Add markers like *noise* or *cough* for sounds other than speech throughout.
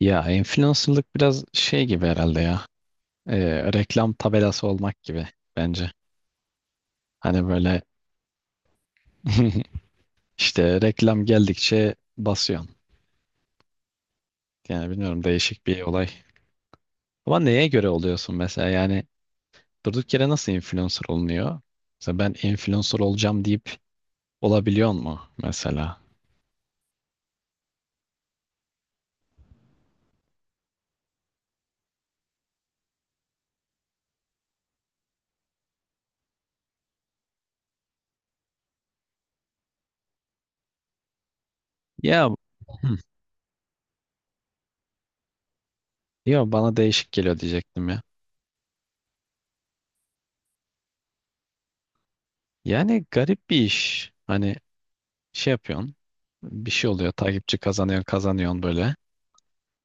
Ya influencerlık biraz şey gibi herhalde ya. Reklam tabelası olmak gibi bence. Hani böyle *laughs* işte reklam geldikçe basıyorsun. Yani bilmiyorum, değişik bir olay. Ama neye göre oluyorsun mesela? Yani durduk yere nasıl influencer olunuyor? Mesela ben influencer olacağım deyip olabiliyor mu mesela? Ya. Hı. Yo, bana değişik geliyor diyecektim ya. Yani garip bir iş. Hani şey yapıyorsun. Bir şey oluyor. Takipçi kazanıyorsun böyle.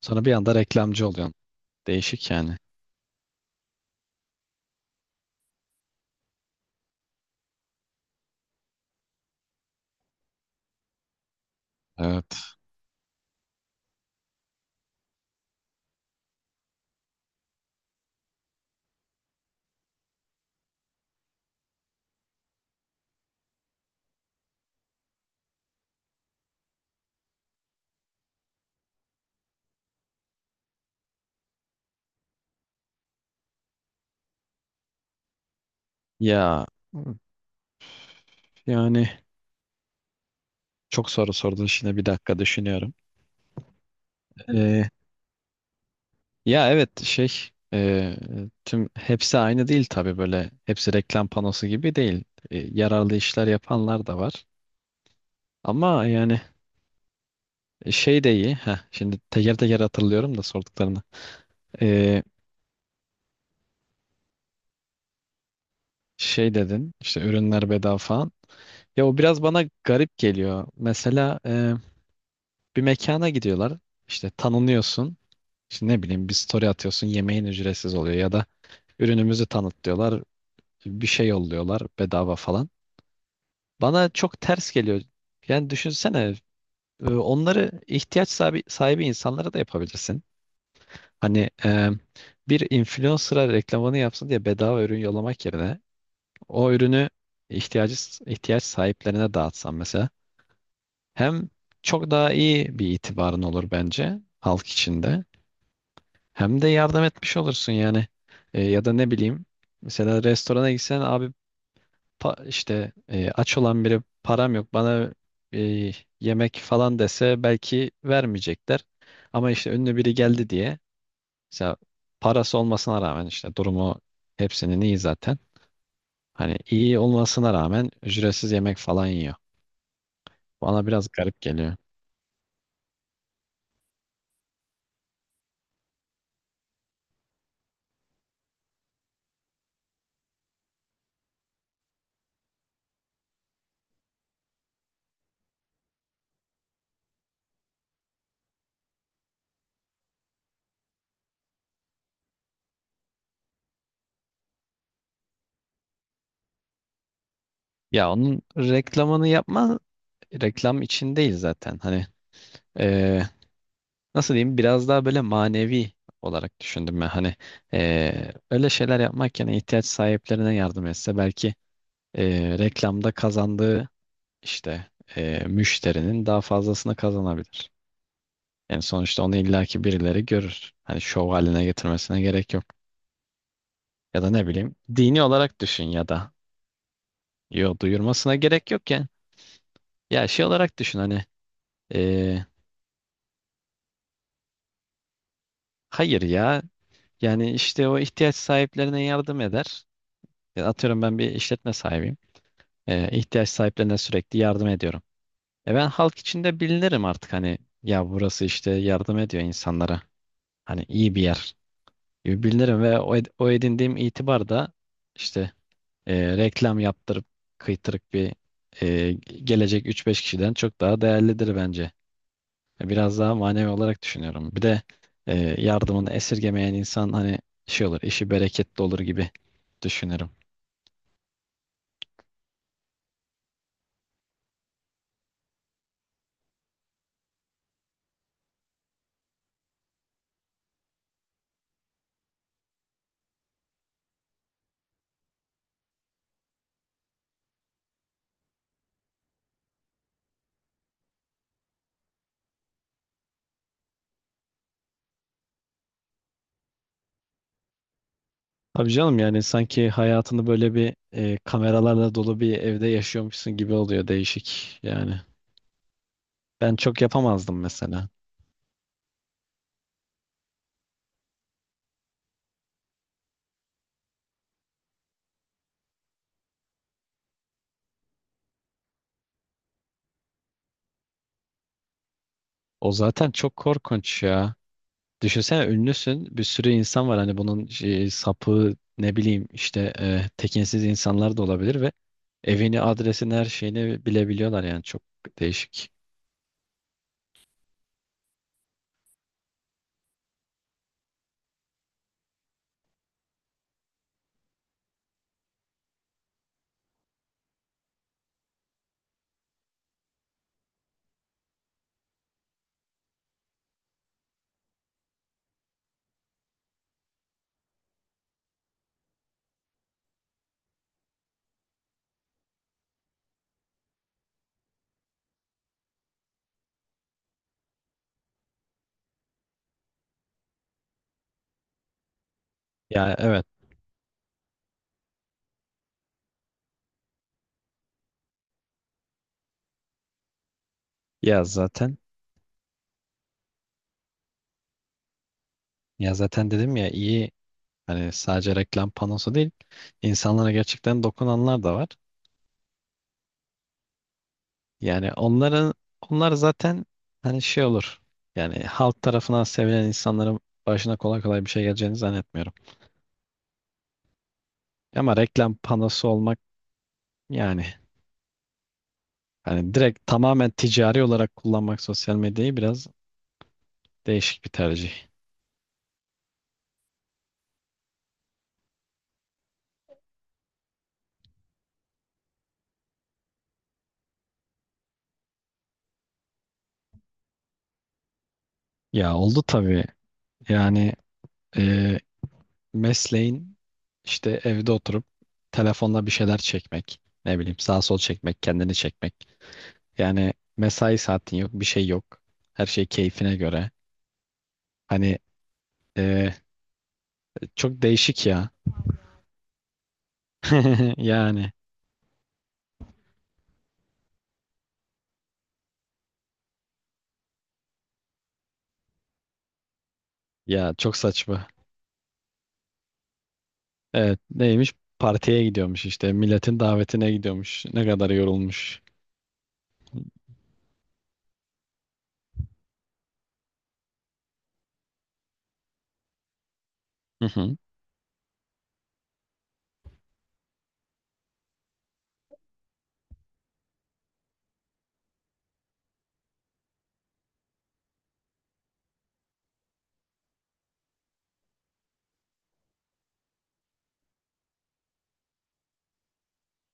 Sonra bir anda reklamcı oluyorsun. Değişik yani. Evet. Ya yani çok soru sordun, şimdi bir dakika düşünüyorum. Ee, Ya evet, e, tüm hepsi aynı değil tabii, böyle hepsi reklam panosu gibi değil. Yararlı işler yapanlar da var. Ama yani şey de iyi. Heh, şimdi teker teker hatırlıyorum da sorduklarını. Ee, Şey dedin işte, ürünler bedava falan. Ya o biraz bana garip geliyor. Mesela bir mekana gidiyorlar. İşte tanınıyorsun. İşte ne bileyim, bir story atıyorsun, yemeğin ücretsiz oluyor ya da ürünümüzü tanıtlıyorlar, bir şey yolluyorlar bedava falan. Bana çok ters geliyor. Yani düşünsene, onları ihtiyaç sahibi insanlara da yapabilirsin. Hani bir influencer'a reklamını yapsın diye bedava ürün yollamak yerine o ürünü ihtiyacı ihtiyaç sahiplerine dağıtsan mesela, hem çok daha iyi bir itibarın olur bence halk içinde. Hem de yardım etmiş olursun yani. Ya da ne bileyim, mesela restorana gitsen abi, işte aç olan biri, param yok bana e, yemek falan dese belki vermeyecekler. Ama işte ünlü biri geldi diye, mesela parası olmasına rağmen, işte durumu hepsinin iyi zaten. Hani iyi olmasına rağmen ücretsiz yemek falan yiyor. Bana biraz garip geliyor. Ya onun reklamını reklam için değil zaten. Hani e, nasıl diyeyim, biraz daha böyle manevi olarak düşündüm ben. Hani öyle şeyler yapmak yerine ihtiyaç sahiplerine yardım etse belki reklamda kazandığı işte müşterinin daha fazlasını kazanabilir. Yani sonuçta onu illaki birileri görür. Hani şov haline getirmesine gerek yok. Ya da ne bileyim, dini olarak düşün ya da. Yo, duyurmasına gerek yok ya. Ya şey olarak düşün hani, eee, hayır ya, yani işte o ihtiyaç sahiplerine yardım eder. Ya atıyorum, ben bir işletme sahibiyim. İhtiyaç sahiplerine sürekli yardım ediyorum. E, ben halk içinde bilinirim artık, hani ya burası işte yardım ediyor insanlara. Hani iyi bir yer gibi bilinirim ve o edindiğim itibar da işte reklam yaptırıp kıytırık bir e, gelecek üç beş kişiden çok daha değerlidir bence. Biraz daha manevi olarak düşünüyorum. Bir de e, yardımını esirgemeyen insan, hani şey olur, işi bereketli olur gibi düşünürüm. Tabii canım, yani sanki hayatını böyle bir kameralarla dolu bir evde yaşıyormuşsun gibi oluyor, değişik yani. Ben çok yapamazdım mesela. O zaten çok korkunç ya. Düşünsene, ünlüsün. Bir sürü insan var, hani bunun şey, sapı, ne bileyim işte tekinsiz insanlar da olabilir ve evini, adresini, her şeyini bilebiliyorlar, yani çok değişik. Ya evet. Ya zaten ya zaten dedim ya iyi, hani sadece reklam panosu değil. İnsanlara gerçekten dokunanlar da var. Yani onlar zaten hani şey olur. Yani halk tarafından sevilen insanların başına kolay kolay bir şey geleceğini zannetmiyorum. Ama reklam panosu olmak, yani. Hani direkt tamamen ticari olarak kullanmak sosyal medyayı, biraz değişik bir tercih. Ya oldu tabii. Yani e, mesleğin işte evde oturup telefonla bir şeyler çekmek, ne bileyim sağ sol çekmek, kendini çekmek. Yani mesai saatin yok, bir şey yok. Her şey keyfine göre. Hani e, çok değişik ya. *laughs* Yani ya çok saçma. Evet, neymiş? Partiye gidiyormuş, işte milletin davetine gidiyormuş. Ne kadar yorulmuş. *laughs*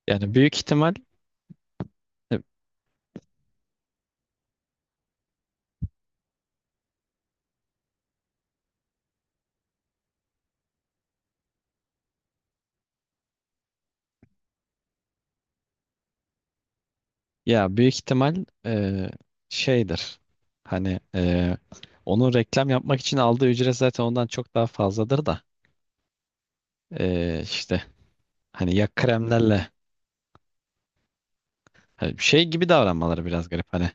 Yani büyük ihtimal e, ya büyük ihtimal e, şeydir. Hani onun reklam yapmak için aldığı ücret zaten ondan çok daha fazladır da işte hani ya kremlerle, hani şey gibi davranmaları biraz garip, hani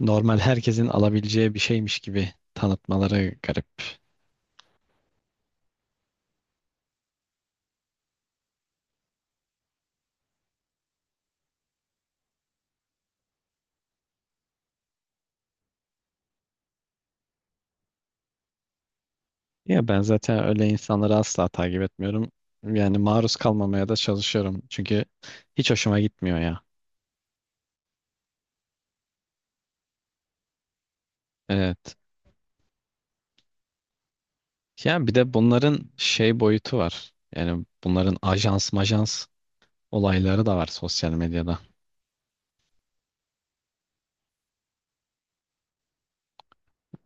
normal herkesin alabileceği bir şeymiş gibi tanıtmaları garip. Ya ben zaten öyle insanları asla takip etmiyorum. Yani maruz kalmamaya da çalışıyorum, çünkü hiç hoşuma gitmiyor ya. Evet. Yani bir de bunların şey boyutu var. Yani bunların ajans majans olayları da var sosyal medyada.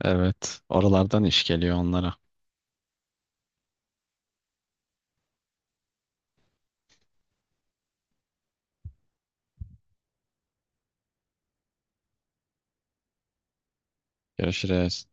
Evet. Oralardan iş geliyor onlara. Görüşürüz.